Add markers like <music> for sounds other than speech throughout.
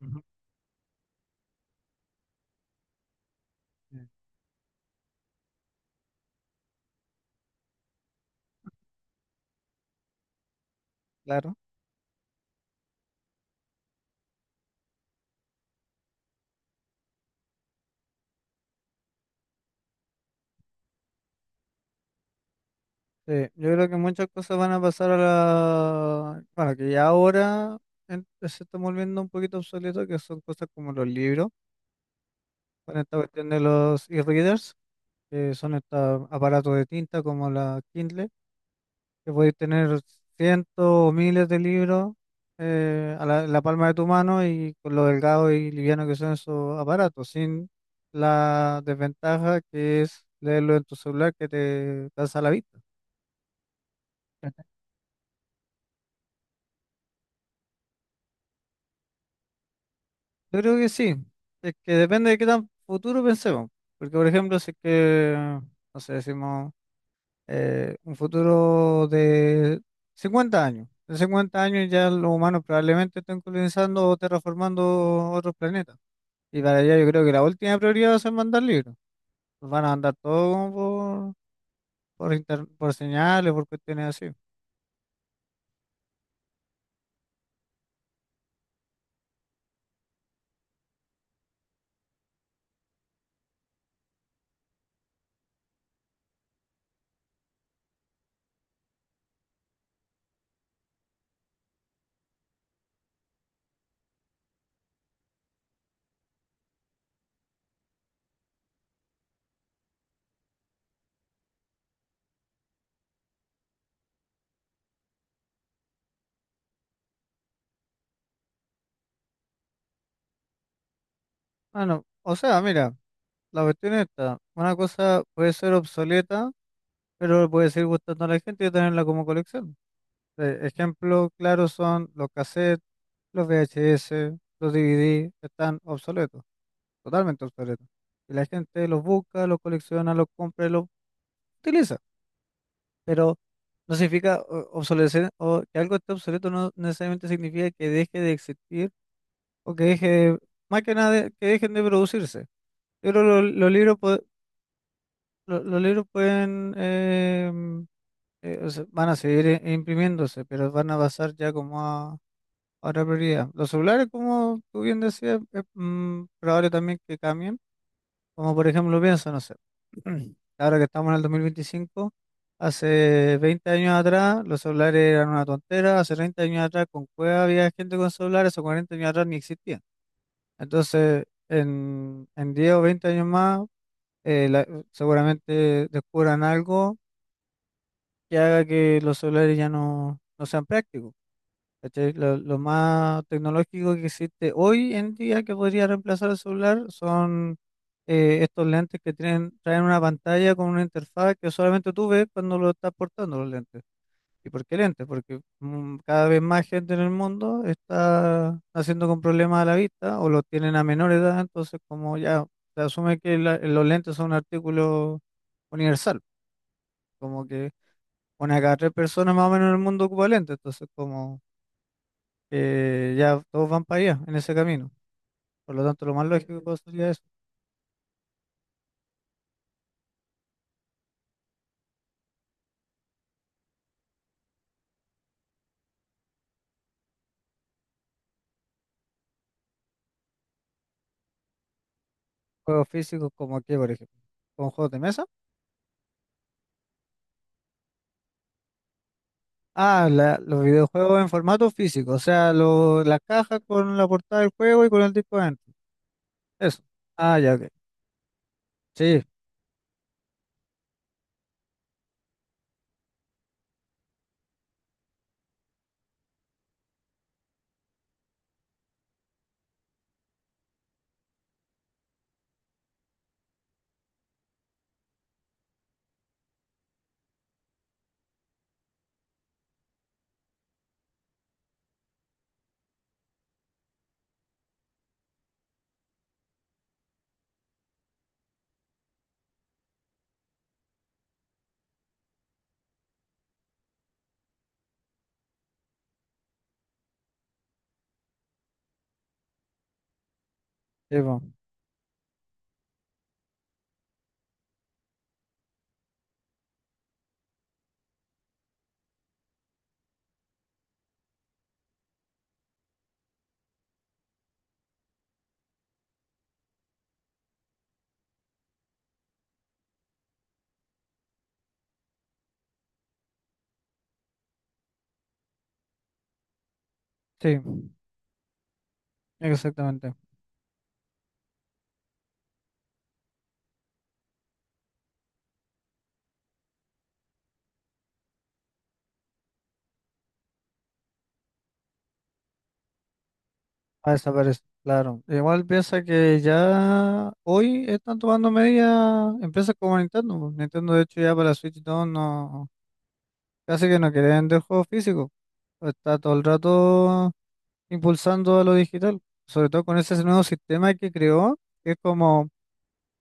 Ujú. Mm. Claro, sí. Yo creo que muchas cosas van a pasar a la... Bueno, que ya ahora se está volviendo un poquito obsoleto, que son cosas como los libros, con esta cuestión de los e-readers, que son estos aparatos de tinta como la Kindle, que podéis tener cientos o miles de libros a en la palma de tu mano y con lo delgado y liviano que son esos aparatos, sin la desventaja que es leerlo en tu celular que te cansa la vista. Yo creo que sí. Es que depende de qué tan futuro pensemos. Porque, por ejemplo, no sé, decimos un futuro de 50 años. En 50 años ya los humanos probablemente estén colonizando o terraformando otros planetas. Y para allá yo creo que la última prioridad va a ser mandar libros. Los van a mandar todo como por señales, por cuestiones así. Bueno, o sea, mira, la cuestión está. Una cosa puede ser obsoleta pero puede seguir gustando a la gente y tenerla como colección. Ejemplo claro son los cassettes, los VHS, los DVD, están obsoletos, totalmente obsoletos. Y la gente los busca, los colecciona, los compra y los utiliza. Pero no significa obsolecer o que algo esté obsoleto, no necesariamente significa que deje de existir o que deje de- más que nada, que dejen de producirse. Yo creo que los libros, los libros pueden o sea, van a seguir imprimiéndose, pero van a pasar ya como a otra prioridad. Los celulares, como tú bien decías, es probable también que cambien. Como por ejemplo, pienso, no sé, <clears throat> ahora que estamos en el 2025, hace 20 años atrás los celulares eran una tontera, hace 30 años atrás con cueva había gente con celulares, o 40 años atrás ni existían. Entonces, en 10 o 20 años más, eh, la- seguramente descubran algo que haga que los celulares no sean prácticos. ¿Cachai? Lo más tecnológico que existe hoy en día que podría reemplazar el celular son estos lentes que tienen, traen una pantalla con una interfaz que solamente tú ves cuando lo estás portando los lentes. ¿Y por qué lentes? Porque cada vez más gente en el mundo está haciendo con problemas a la vista o lo tienen a menor edad, entonces como ya se asume que los lentes son un artículo universal, como que una de cada tres personas más o menos en el mundo ocupa lentes, entonces como ya todos van para allá en ese camino. Por lo tanto, lo más lógico que puedo sería es juegos físicos como aquí, por ejemplo, con juegos de mesa. Ah, los videojuegos en formato físico, o sea, la caja con la portada del juego y con el disco adentro. Eso. Ah, ya, ok. Sí, sí, po. Sí, exactamente. Ah, desaparece, claro. Igual piensa que ya hoy están tomando medidas empresas como Nintendo, po. Nintendo, de hecho, ya para la Switch 2 casi que no quieren vender juegos físicos. Está todo el rato impulsando a lo digital, sobre todo con ese nuevo sistema que creó, que es como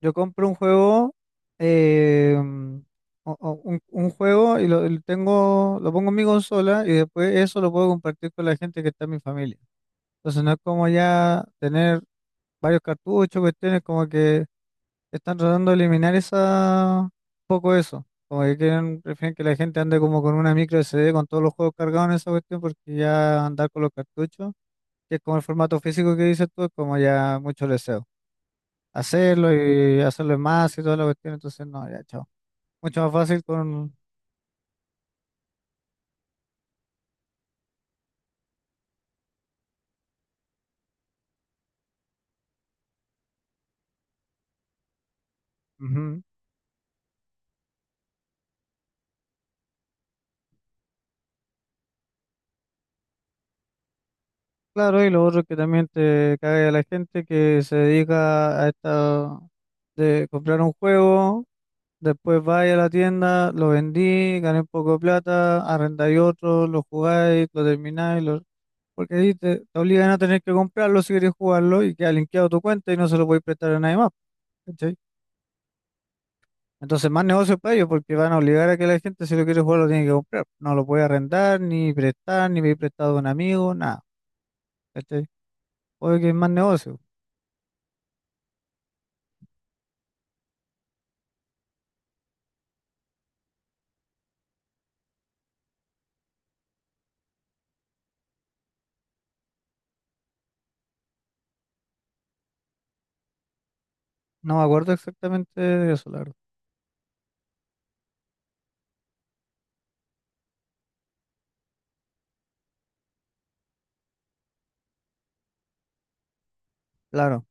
yo compro un juego, eh, mm, un juego y y lo tengo, lo pongo en mi consola y después eso lo puedo compartir con la gente que está en mi familia. Entonces no es como ya tener varios cartuchos, cuestiones como que están tratando de eliminar esa, un poco eso. Como que quieren, prefieren que la gente ande como con una micro SD con todos los juegos cargados en esa cuestión, porque ya andar con los cartuchos, que es como el formato físico que dices tú, es como ya mucho deseo. Hacerlo y hacerlo en más y toda la cuestión, entonces no, ya, chao. Mucho más fácil con, ujú. Claro, y lo otro que también te cae a la gente que se dedica a esta de comprar un juego, después vaya a la tienda, lo vendí, gané un poco de plata, arrendáis otro, lo jugáis, lo termináis, lo... porque ahí te obligan a tener que comprarlo si queréis jugarlo y queda linkeado tu cuenta y no se lo podéis prestar a nadie más, ¿cachai? Entonces más negocio para ellos porque van a obligar a que la gente si lo quiere jugar lo tiene que comprar, no lo puede arrendar, ni prestar, ni pedir prestado a un amigo, nada, ¿cachai? Oye, que es más negocio. No me acuerdo exactamente de eso, la verdad. Claro.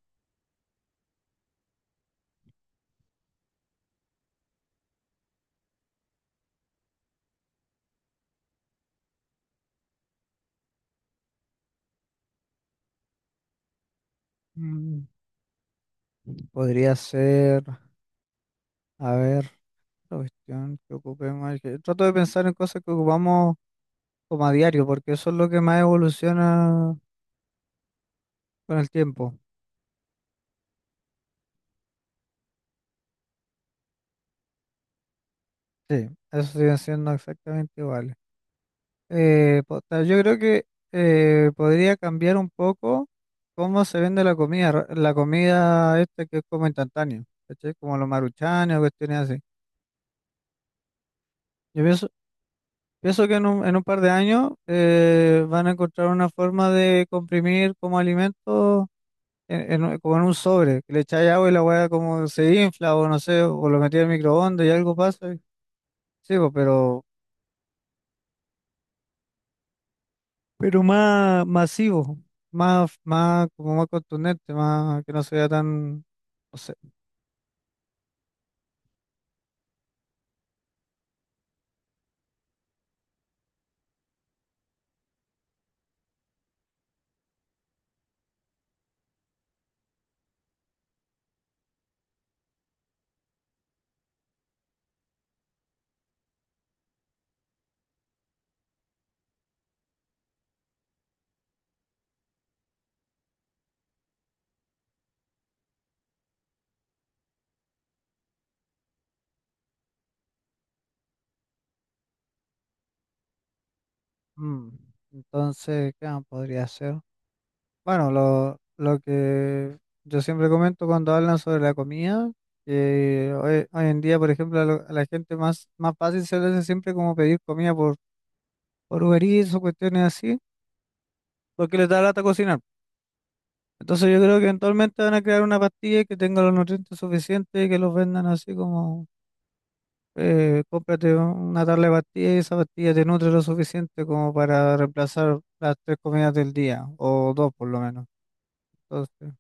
Mm, podría ser, a ver, la cuestión que ocupemos. Trato de pensar en cosas que ocupamos como a diario, porque eso es lo que más evoluciona con el tiempo. Sí, eso sigue siendo exactamente igual. Yo creo que podría cambiar un poco cómo se vende la comida, la comida esta que es como instantánea, ¿cachai? Como los maruchanes o cuestiones así. Yo pienso Pienso que en en un par de años van a encontrar una forma de comprimir como alimento en, como en un sobre, que le echáis agua y la hueá como se infla o no sé, o lo metí al microondas y algo pasa. Sí, po, pero más masivo, como más contundente, más que no sea tan, no sé. Mm. Entonces, ¿qué más podría ser? Bueno, lo que yo siempre comento cuando hablan sobre la comida, que hoy en día, por ejemplo, a la gente más fácil se le hace siempre como pedir comida por Uber Eats o cuestiones así, porque les da lata cocinar. Entonces yo creo que eventualmente van a crear una pastilla que tenga los nutrientes suficientes y que los vendan así como, cómprate una tabla de pastillas y esa pastilla te nutre lo suficiente como para reemplazar las tres comidas del día, o dos por lo menos. Entonces...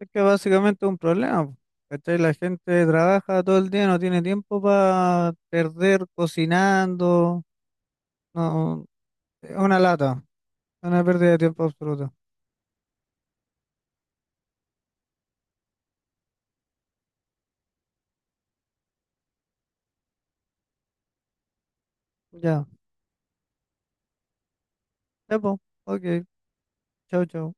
Es que básicamente es un problema, po, ¿cachai? La gente trabaja todo el día, no tiene tiempo para perder cocinando, no, es una lata, una pérdida de tiempo absoluta. Ya, ya, po, ok, chao, chao.